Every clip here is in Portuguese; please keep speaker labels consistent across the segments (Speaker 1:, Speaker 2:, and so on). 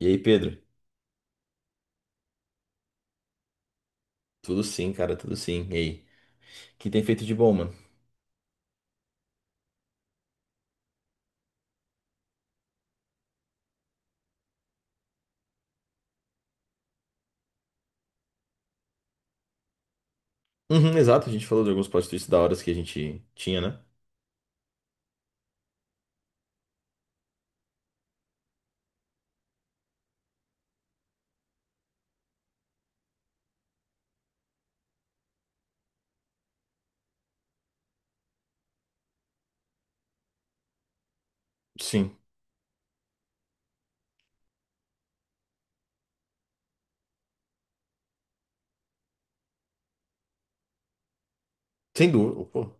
Speaker 1: E aí, Pedro? Tudo sim, cara, tudo sim. E aí? O que tem feito de bom, mano? Uhum, exato, a gente falou de alguns plot twists da hora que a gente tinha, né? Sim, sem dúvida. Pô.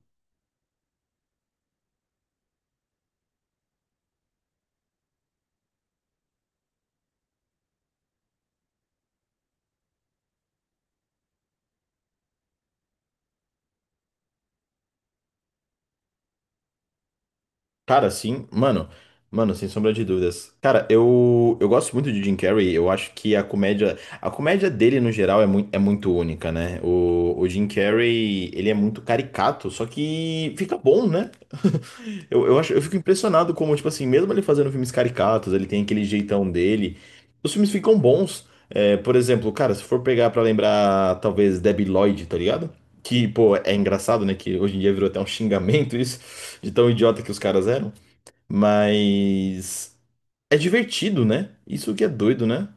Speaker 1: Cara, sim, mano, mano, sem sombra de dúvidas. Cara, eu gosto muito de Jim Carrey. Eu acho que a comédia dele no geral é muito única, né? O Jim Carrey, ele é muito caricato, só que fica bom, né? Eu fico impressionado como, tipo assim, mesmo ele fazendo filmes caricatos, ele tem aquele jeitão dele. Os filmes ficam bons. É, por exemplo, cara, se for pegar pra lembrar, talvez Debi Lloyd, tá ligado? Que, pô, é engraçado, né? Que hoje em dia virou até um xingamento isso, de tão idiota que os caras eram. Mas é divertido, né? Isso que é doido, né?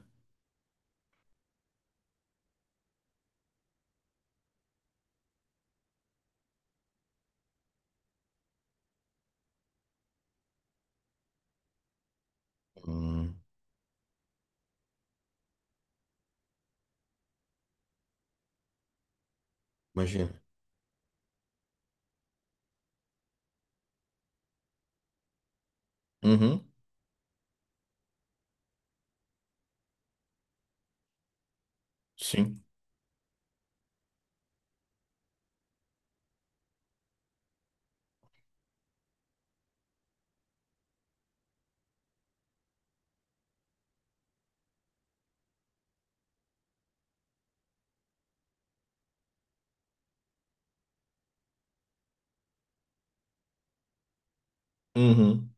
Speaker 1: Hum, imagina. Uhum, sim. Uhum.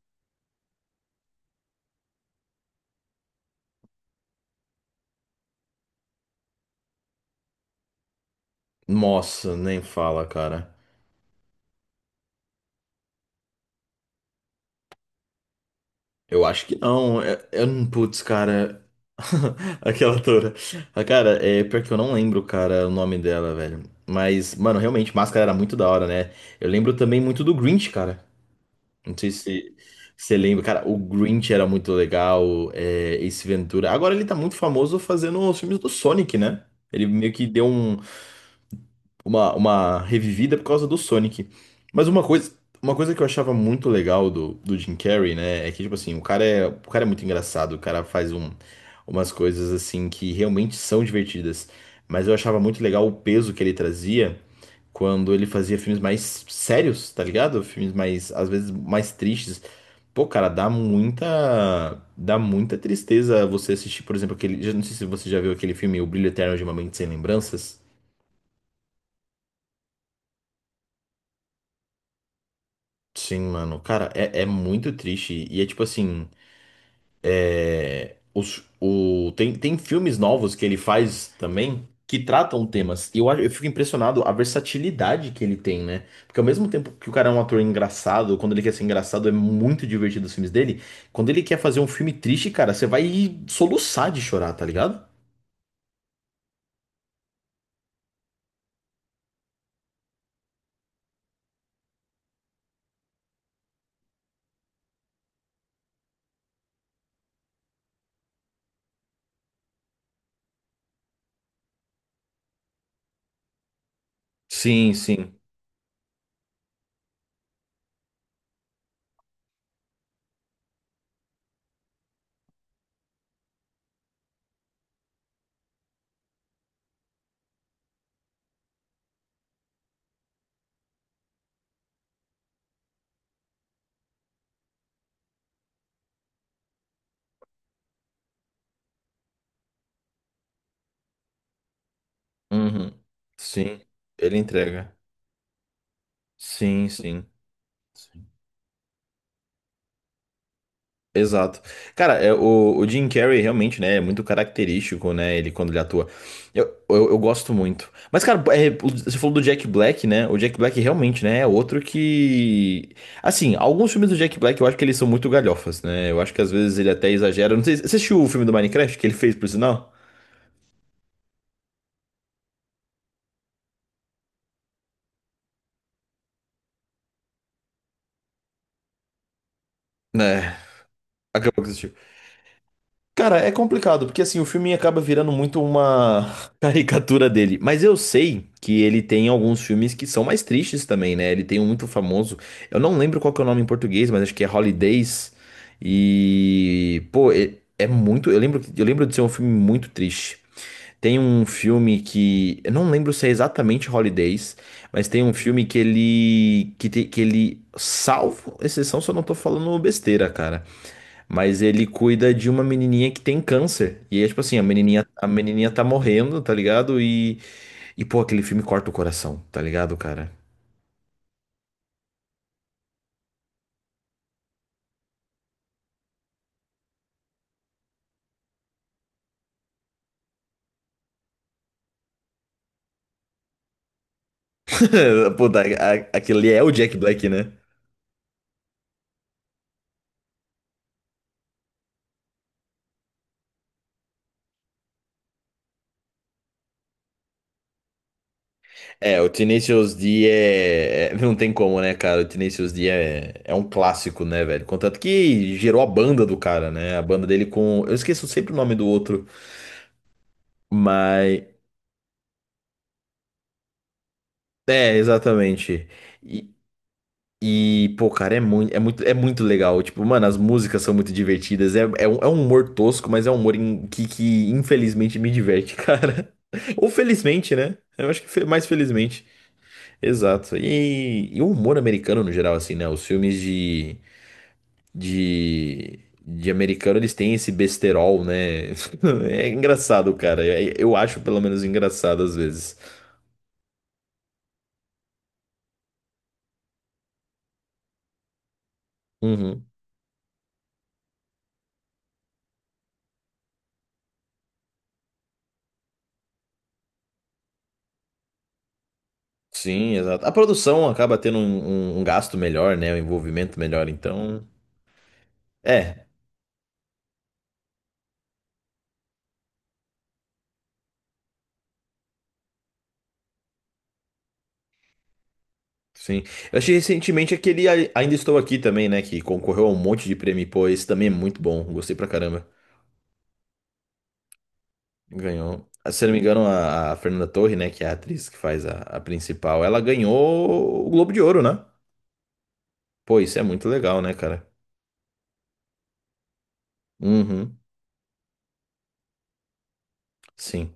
Speaker 1: Nossa, nem fala, cara. Eu acho que não. É, é, um- putz, cara. Aquela atora. Ah, cara, é pior que eu não lembro, cara, o nome dela, velho. Mas, mano, realmente, Máscara era muito da hora, né? Eu lembro também muito do Grinch, cara. Não sei se você lembra, cara, o Grinch era muito legal, é, Ace Ventura. Agora ele tá muito famoso fazendo os filmes do Sonic, né? Ele meio que deu um, uma revivida por causa do Sonic. Mas uma coisa que eu achava muito legal do Jim Carrey, né, é que, tipo assim, o cara é muito engraçado, o cara faz um, umas coisas, assim, que realmente são divertidas. Mas eu achava muito legal o peso que ele trazia quando ele fazia filmes mais sérios, tá ligado? Filmes mais, às vezes, mais tristes. Pô, cara, dá muita tristeza você assistir, por exemplo, aquele, já não sei se você já viu aquele filme O Brilho Eterno de uma Mente Sem Lembranças. Sim, mano. Cara, é, é muito triste. E é tipo assim, os, o, tem, tem filmes novos que ele faz também que tratam temas. Eu fico impressionado a versatilidade que ele tem, né? Porque ao mesmo tempo que o cara é um ator engraçado, quando ele quer ser engraçado, é muito divertido os filmes dele. Quando ele quer fazer um filme triste, cara, você vai soluçar de chorar, tá ligado? Sim, sim. Uhum. Sim. Ele entrega. Sim, sim. Exato. Cara, é, o Jim Carrey realmente, né, é muito característico, né, ele quando ele atua. Eu gosto muito. Mas, cara, é, o- você falou do Jack Black, né? O Jack Black realmente, né, é outro que... Assim, alguns filmes do Jack Black eu acho que eles são muito galhofas, né? Eu acho que às vezes ele até exagera. Não sei, você assistiu o filme do Minecraft que ele fez, por sinal? Né, acabou que assistiu. Cara, é complicado, porque assim, o filme acaba virando muito uma caricatura dele. Mas eu sei que ele tem alguns filmes que são mais tristes também, né? Ele tem um muito famoso. Eu não lembro qual que é o nome em português, mas acho que é Holidays. E, pô, é, é muito. Eu lembro de ser um filme muito triste. Tem um filme que. Eu não lembro se é exatamente Holidays, mas tem um filme que ele. Que, te- que ele. Salvo exceção, se eu não tô falando besteira, cara. Mas ele cuida de uma menininha que tem câncer. E é tipo assim, a menininha tá morrendo, tá ligado? E pô, aquele filme corta o coração, tá ligado, cara? Pô, da- a- aquele é o Jack Black, né? É, o Tenacious D é... é- Não tem como, né, cara? O Tenacious D é... é um clássico, né, velho? Contanto que gerou a banda do cara, né? A banda dele com... Eu esqueço sempre o nome do outro, mas... É, exatamente. E, pô, cara, é é muito legal. Tipo, mano, as músicas são muito divertidas. É um humor tosco, mas é um humor em- que infelizmente me diverte, cara. Ou felizmente, né? Eu acho que fe- mais felizmente. Exato. E o humor americano, no geral, assim, né? Os filmes de, de americano, eles têm esse besterol, né? É engraçado, cara. É- Eu acho, pelo menos, engraçado às vezes. Uhum. Sim, exato. A produção acaba tendo um, um- um gasto melhor, né? Um envolvimento melhor, então. É, sim. Eu achei recentemente aquele A- Ainda Estou Aqui também, né? Que concorreu a um monte de prêmio. Pô, esse também é muito bom. Gostei pra caramba. Ganhou. Ah, se eu não me engano, a Fernanda Torre, né? Que é a atriz que faz a principal, ela ganhou o Globo de Ouro, né? Pô, isso é muito legal, né, cara? Uhum, sim.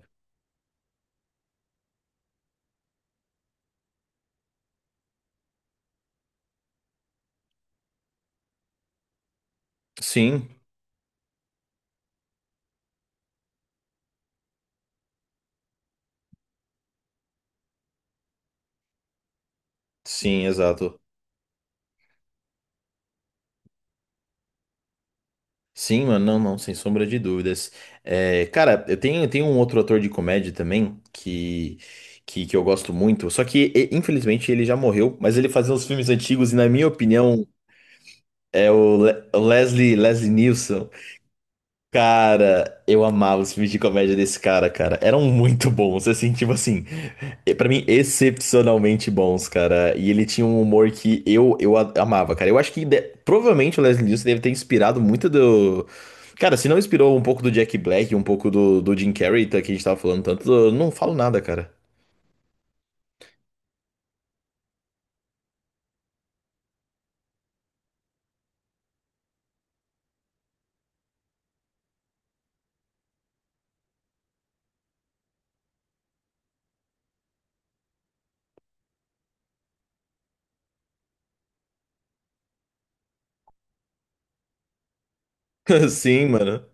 Speaker 1: Sim, sim, exato. Sim, mano, não, não, sem sombra de dúvidas. É, cara, eu tenho um outro ator de comédia também que eu gosto muito, só que e- infelizmente ele já morreu, mas ele fazia uns filmes antigos e, na minha opinião, é o Le- o Leslie, Leslie Nielsen. Cara, eu amava os filmes de comédia desse cara, cara. Eram muito bons, assim, tipo assim, pra mim, excepcionalmente bons, cara. E ele tinha um humor que eu a- amava, cara. Eu acho que de- provavelmente o Leslie Nielsen deve ter inspirado muito do. Cara, se não inspirou um pouco do Jack Black, um pouco do Jim Carrey, tá, que a gente tava falando tanto, eu não falo nada, cara. Sim, mano.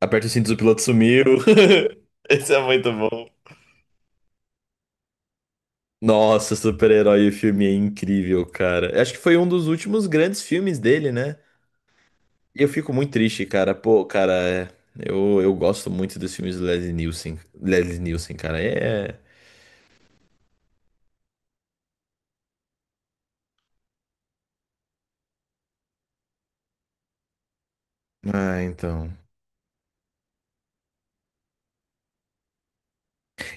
Speaker 1: Aperta os cintos, o piloto sumiu. Esse é muito bom. Nossa, super-herói, o filme é incrível, cara. Eu acho que foi um dos últimos grandes filmes dele, né? E eu fico muito triste, cara. Pô, cara, é- eu gosto muito dos filmes do Leslie Nielsen. Leslie Nielsen, cara, é. Ah, então.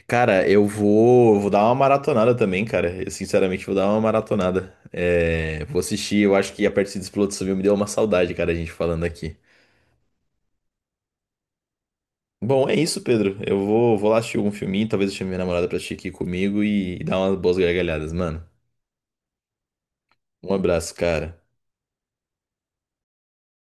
Speaker 1: Cara, eu vou dar uma maratonada também, cara. Eu sinceramente vou dar uma maratonada. É, vou assistir, eu acho que a parte de explosão Civil me deu uma saudade, cara, a gente falando aqui. Bom, é isso, Pedro. Eu vou lá assistir algum filminho, talvez eu chame minha namorada pra assistir aqui comigo e dar umas boas gargalhadas, mano. Um abraço, cara.